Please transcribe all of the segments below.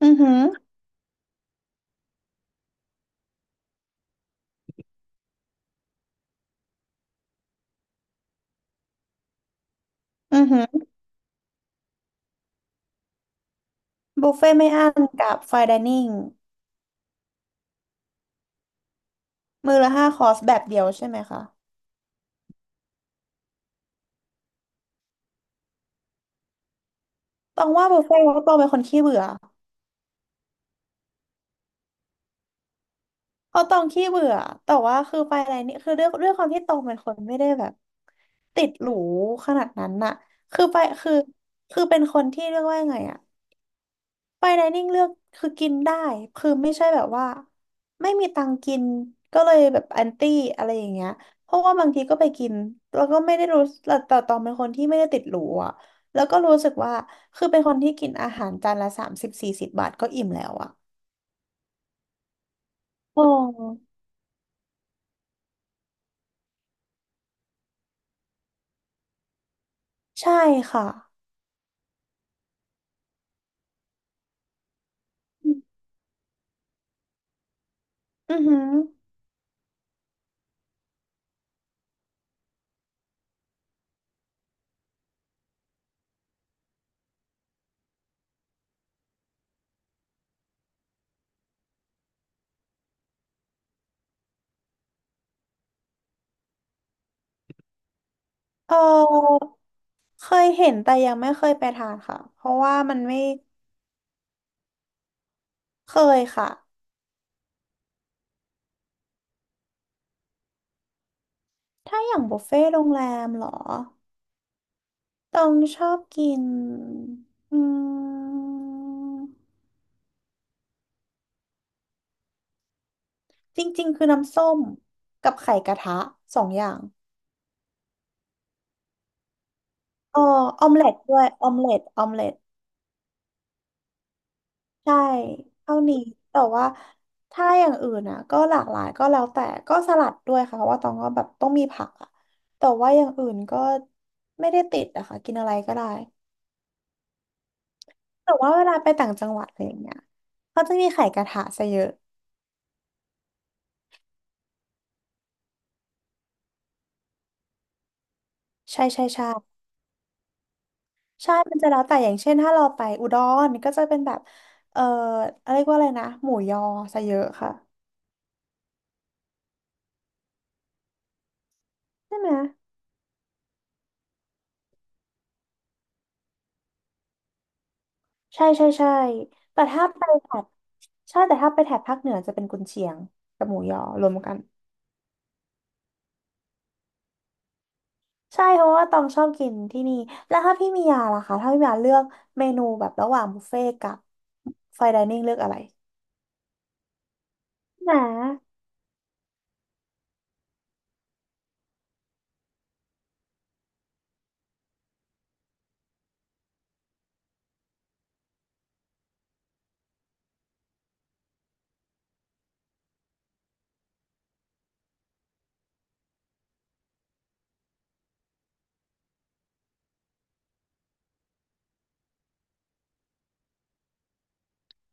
อือหืออือหือบุฟเฟ่ไม่อั้นกับไฟน์ไดนิ่งมื้อละห้าคอร์สแบบเดียวใช่ไหมคะต้องว่าบุฟเฟ่ต์เพราะตองเป็นคนขี้เบื่อเพราะตองขี้เบื่อแต่ว่าคือไฟน์ไดนิ่งคือด้วยความที่ตองเป็นคนไม่ได้แบบติดหรูขนาดนั้นน่ะคือไปคือคือเป็นคนที่เรียกว่ายังไงอะ ไปไดนิ่งเลือกคือกินได้คือไม่ใช่แบบว่าไม่มีตังค์กินก็เลยแบบแอนตี้อะไรอย่างเงี้ยเพราะว่าบางทีก็ไปกินแล้วก็ไม่ได้รู้แต่ตองเป็นคนที่ไม่ได้ติดหรูอ่ะแล้วก็รู้สึกว่าคือเป็นคนที่กินอาหารจานละสามสิบสี่สิบบาทก็อิ่มแล้วอ่ะโอ้ใช่ค่ะอือหือเออเคยเห็นแต่ยังไม่เคยไปทานค่ะเพราะว่ามันไม่เคยค่ะถ้าอย่างบุฟเฟ่ต์โรงแรมเหรอ ตองชอบกินอืมจริงๆ คือน้ำส้มกับไข่กระทะสองอย่างเอ๋อออมเล็ตด้วยออมเล็ตออมเล็ตใช่เท่านี้แต่ว่าถ้าอย่างอื่นอ่ะก็หลากหลายก็แล้วแต่ก็สลัดด้วยค่ะเพราะว่าตองก็แบบต้องมีผักอ่ะแต่ว่าอย่างอื่นก็ไม่ได้ติดอะค่ะกินอะไรก็ได้ แต่ว่าเวลาไปต่างจังหวัดอะไรอย่างเงี้ยเขาจะมีไข่กระทะซะเยอะใช่ใช่ใช่ ใช่มันจะแล้วแต่อย่างเช่น ถ้าเราไปอุดรก็จะเป็นแบบเอ่ออะไรเรียกว่าอะไรนะหมูยอซะเยอะค่ะใช่ไหมใช่ใช่ใช่แต่ถ้าไปแถบใช่แต่ถ้าไปแถบภาคเหนือจะเป็นกุนเชียงกับหมูยอรวมกันใช่เพราะว่าตองชอบกินที่นี่ แล้วถ้าพี่มียาล่ะคะถ้าพี่มียาเลือกเมนูแบบระหว่างบุฟเฟ่ต์กับไฟน์ไดนิ่งเลือกอะไรนะ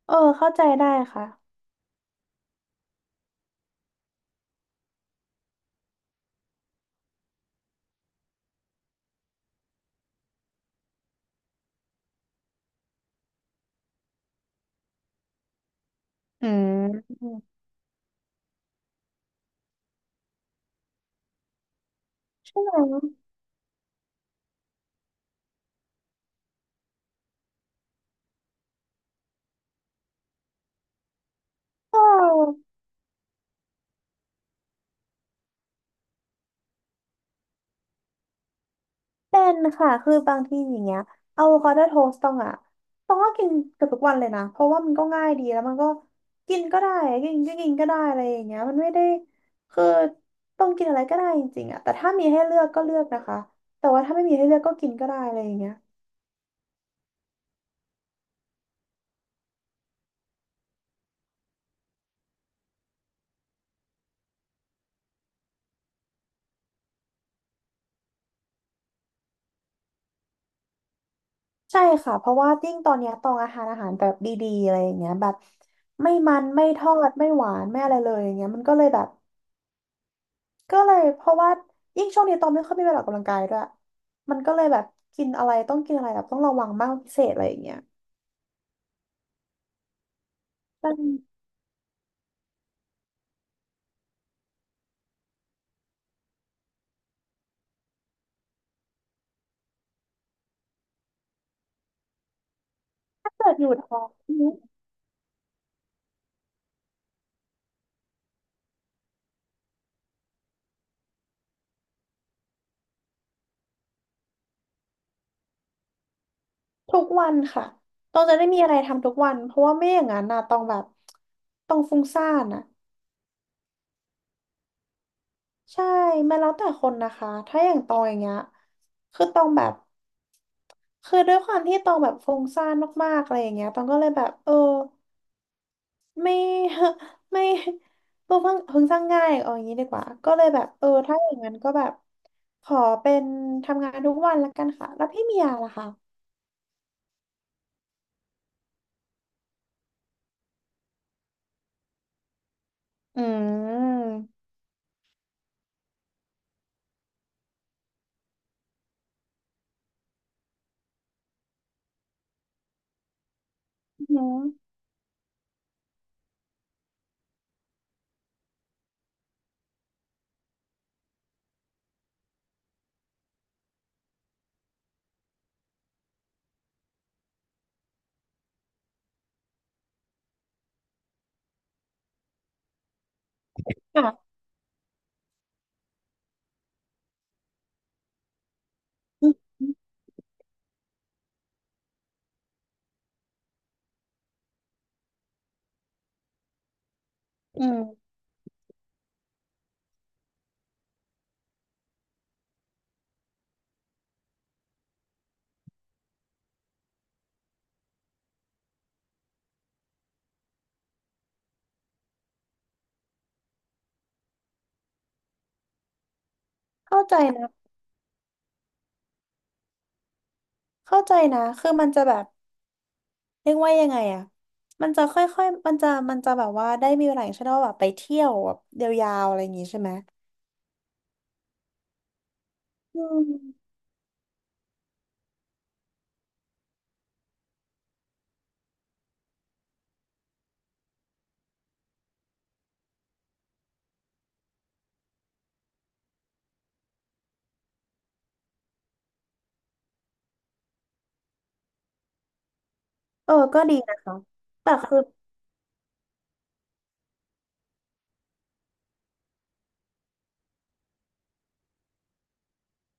เออเข้าใจได้ค่ะอืมใช่ไหมเออ เป็นค่ะคือบางทีอย่างเงี้ยอะโวคาโดโทสต์ต้องอะต้องก็กินเกือบทุกวันเลยนะ เพราะว่ามันก็ง่ายดีแล้วมันก็กินก็ได้กินก็ได้อะไรอย่างเงี้ยมันไม่ได้ คือต้องกินอะไรก็ได้จริงๆอะแต่ถ้ามีให้เลือกก็เลือกนะคะ แต่ว่าถ้าไม่มีให้เลือกก็กินก็ได้อะไรอย่างเงี้ยใช่ค่ะ เพราะว่ายิ่งตอนเนี้ยตองอาหารแบบดีๆอะไรอย่างเงี้ยแบบไม่มันไม่ทอดไม่หวานไม่อะไรเลยอย่างเงี้ยมันก็เลยแบบ ก็เลยเพราะว่ายิ่งช่วงนี้ตองไม่ค่อยมีเวลาออกกำลังกายด้วยมันก็เลยแบบกินอะไรต้องกินอะไรแบบต้องระวังมากพิเศษอะไรอย่างเงี้ยมันถ้าเกิดอยู่ท้องทุกวันค่ะตองจะได้มีอะไรทำทุกวันเพราะว่าไม่อย่างนั้นนะตองแบบตองฟุ้งซ่านอ่ะใช่มันแล้วแต่คนนะคะถ้าอย่างตองอย่างเงี้ยคือตองแบบคือด้วยความที่ตองแบบฟุ้งซ่านมากๆอะไรอย่างเงี้ยตองก็เลยแบบเออ ไม่ ไม่ตัวเพิ่งสร้างง่ายเอาอย่างนี้ดีกว่าก็เลยแบบเออถ้าอย่างนั้นก็แบบขอเป็นทำงานทุกวันละกันค่ะแล้วพี่เมียล่ะคะอืมอืมค่ะอืมอืมเข้าใจนะเข้าใจนะคือมันจะแบบเรียกว่ายังไงอะมันจะค่อยๆมันจะแบบว่าได้มีเวลาอย่างเช่นว่าแบบไปเที่ยวแบบยาวๆอะไรอย่างงี้ใช่ไหมอืมเออก็ดีนะคะแต่คือ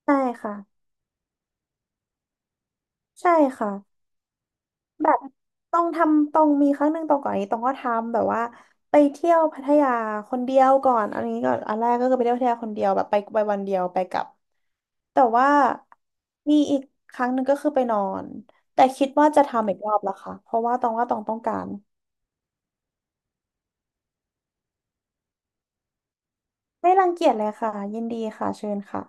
ใช่ค่ะใช่ค่ะ แบบตองทำตองมีครั้งหนึ่งตองก่อนอันนี้ตองก็ทำแบบว่าไปเที่ยวพัทยาคนเดียวก่อนอันนี้ก่อนอันแรกก็คือไปเที่ยวพัทยาคนเดียวแบบไปวันเดียวไปกลับแต่ว่ามีอีกครั้งหนึ่งก็คือไปนอนแต่คิดว่าจะทำอีกรอบละค่ะเพราะว่าตองว่าตองต้องการไม่รังเกียจเลยค่ะยินดีค่ะเชิญค่ะ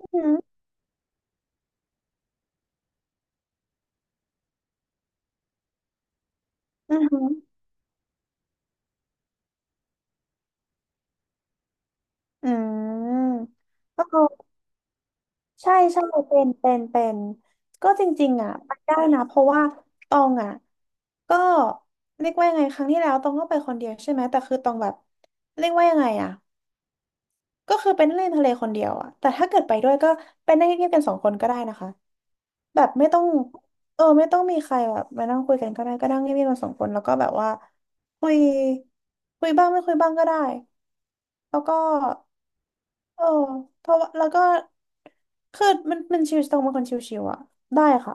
อือหืออือหืออืมก็คือ ใช่ใช่เป็นก็จริงๆอ่ะไปได้นะเพราะว่าตองอ่ะก็เรียกว่ายังไงครั้งที่แล้วตองก็ไปคนเดียวใช่ไหมแต่คือตองแบบเรียกว่ายังไงอ่ะก็คือเป็นเล่นทะเลคนเดียวอ่ะแต่ถ้าเกิดไปด้วยก็เป็นได้เงียบๆกันสองคนก็ได้นะคะแบบไม่ต้องเออไม่ต้องมีใครแบบมานั่งคุยกันก็ได้ก็นั่งเงียบๆกันสองคนแล้วก็แบบว่าคุยคุยบ้างไม่คุยบ้างก็ได้แล้วก็ เออเพราะว่าแล้วก็คือมันชิวๆตรงเป็นคนชิวๆอ่ะได้ค่ะ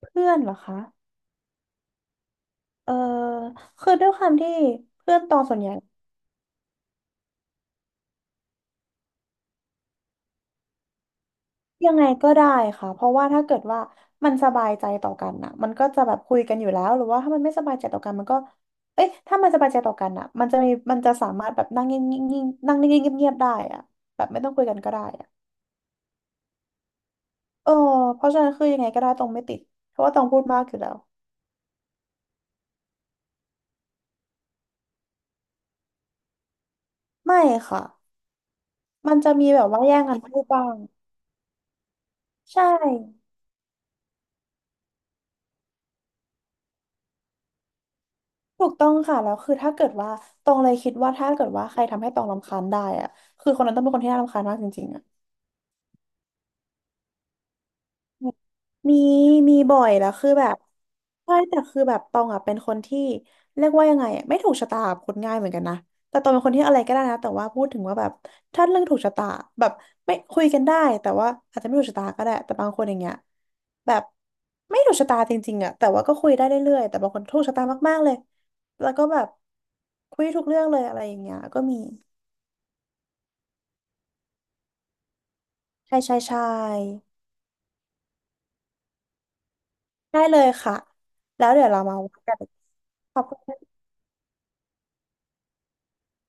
เพื่อนเหรอคะเออคือด้วยความที่เพื่อนตองส่วนใหญ่ยังไงก็ได้ค่ะเพราะว่าถ้าเกิดว่ามันสบายใจต่อกันน่ะมันก็จะแบบคุยกันอยู่แล้วหรือว่าถ้ามันไม่สบายใจต่อกันมันก็เอ๊ะถ้ามันสบายใจต่อกันน่ะมันจะมีมันจะสามารถแบบนั่งเงียบๆนั่งนิ่งๆเงียบๆได้อะแบบไม่ต้องคุยกันก็ได้อะเออเพราะฉะนั้นคือยังไงก็ได้ตองไม่ติดเพราะว่าตองพูดมากอยู่แล้วไม่ค่ะ มันจะมีแบบว่าแย่งกันพูดบ้างใช่ถูกต้องค่ะแล้วคือถ้าเกิดว่าตองเลยคิดว่าถ้าเกิดว่าใครทำให้ตองรำคาญได้อะคือคนนั้นต้องเป็นคนที่น่ารำคาญมากจริงๆอะ มีมีบ่อยแล้วคือแบบใช่แต่คือแบบตองอ่ะเป็นคนที่เรียกว่ายังไงอะไม่ถูกชะตากับคนง่ายเหมือนกันนะแต่ตองเป็นคนที่อะไรก็ได้นะแต่ว่าพูดถึงว่าแบบถ้าเรื่องถูกชะตาแบบไม่คุยกันได้แต่ว่าอาจจะไม่ถูกชะตาก็ได้แต่บางคนอย่างเงี้ยแบบไม่ถูกชะตาจริงๆอ่ะแต่ว่าก็คุยได้เรื่อยๆแต่บางคนถูกชะตามากๆเลยแล้วก็แบบคุยทุกเรื่องเลยอะไรอย่างเงี้ยก็มีใช่ใช่ใช่ได้เลยค่ะแล้วเดี๋ยวเรามาว่ากันขอบคุณ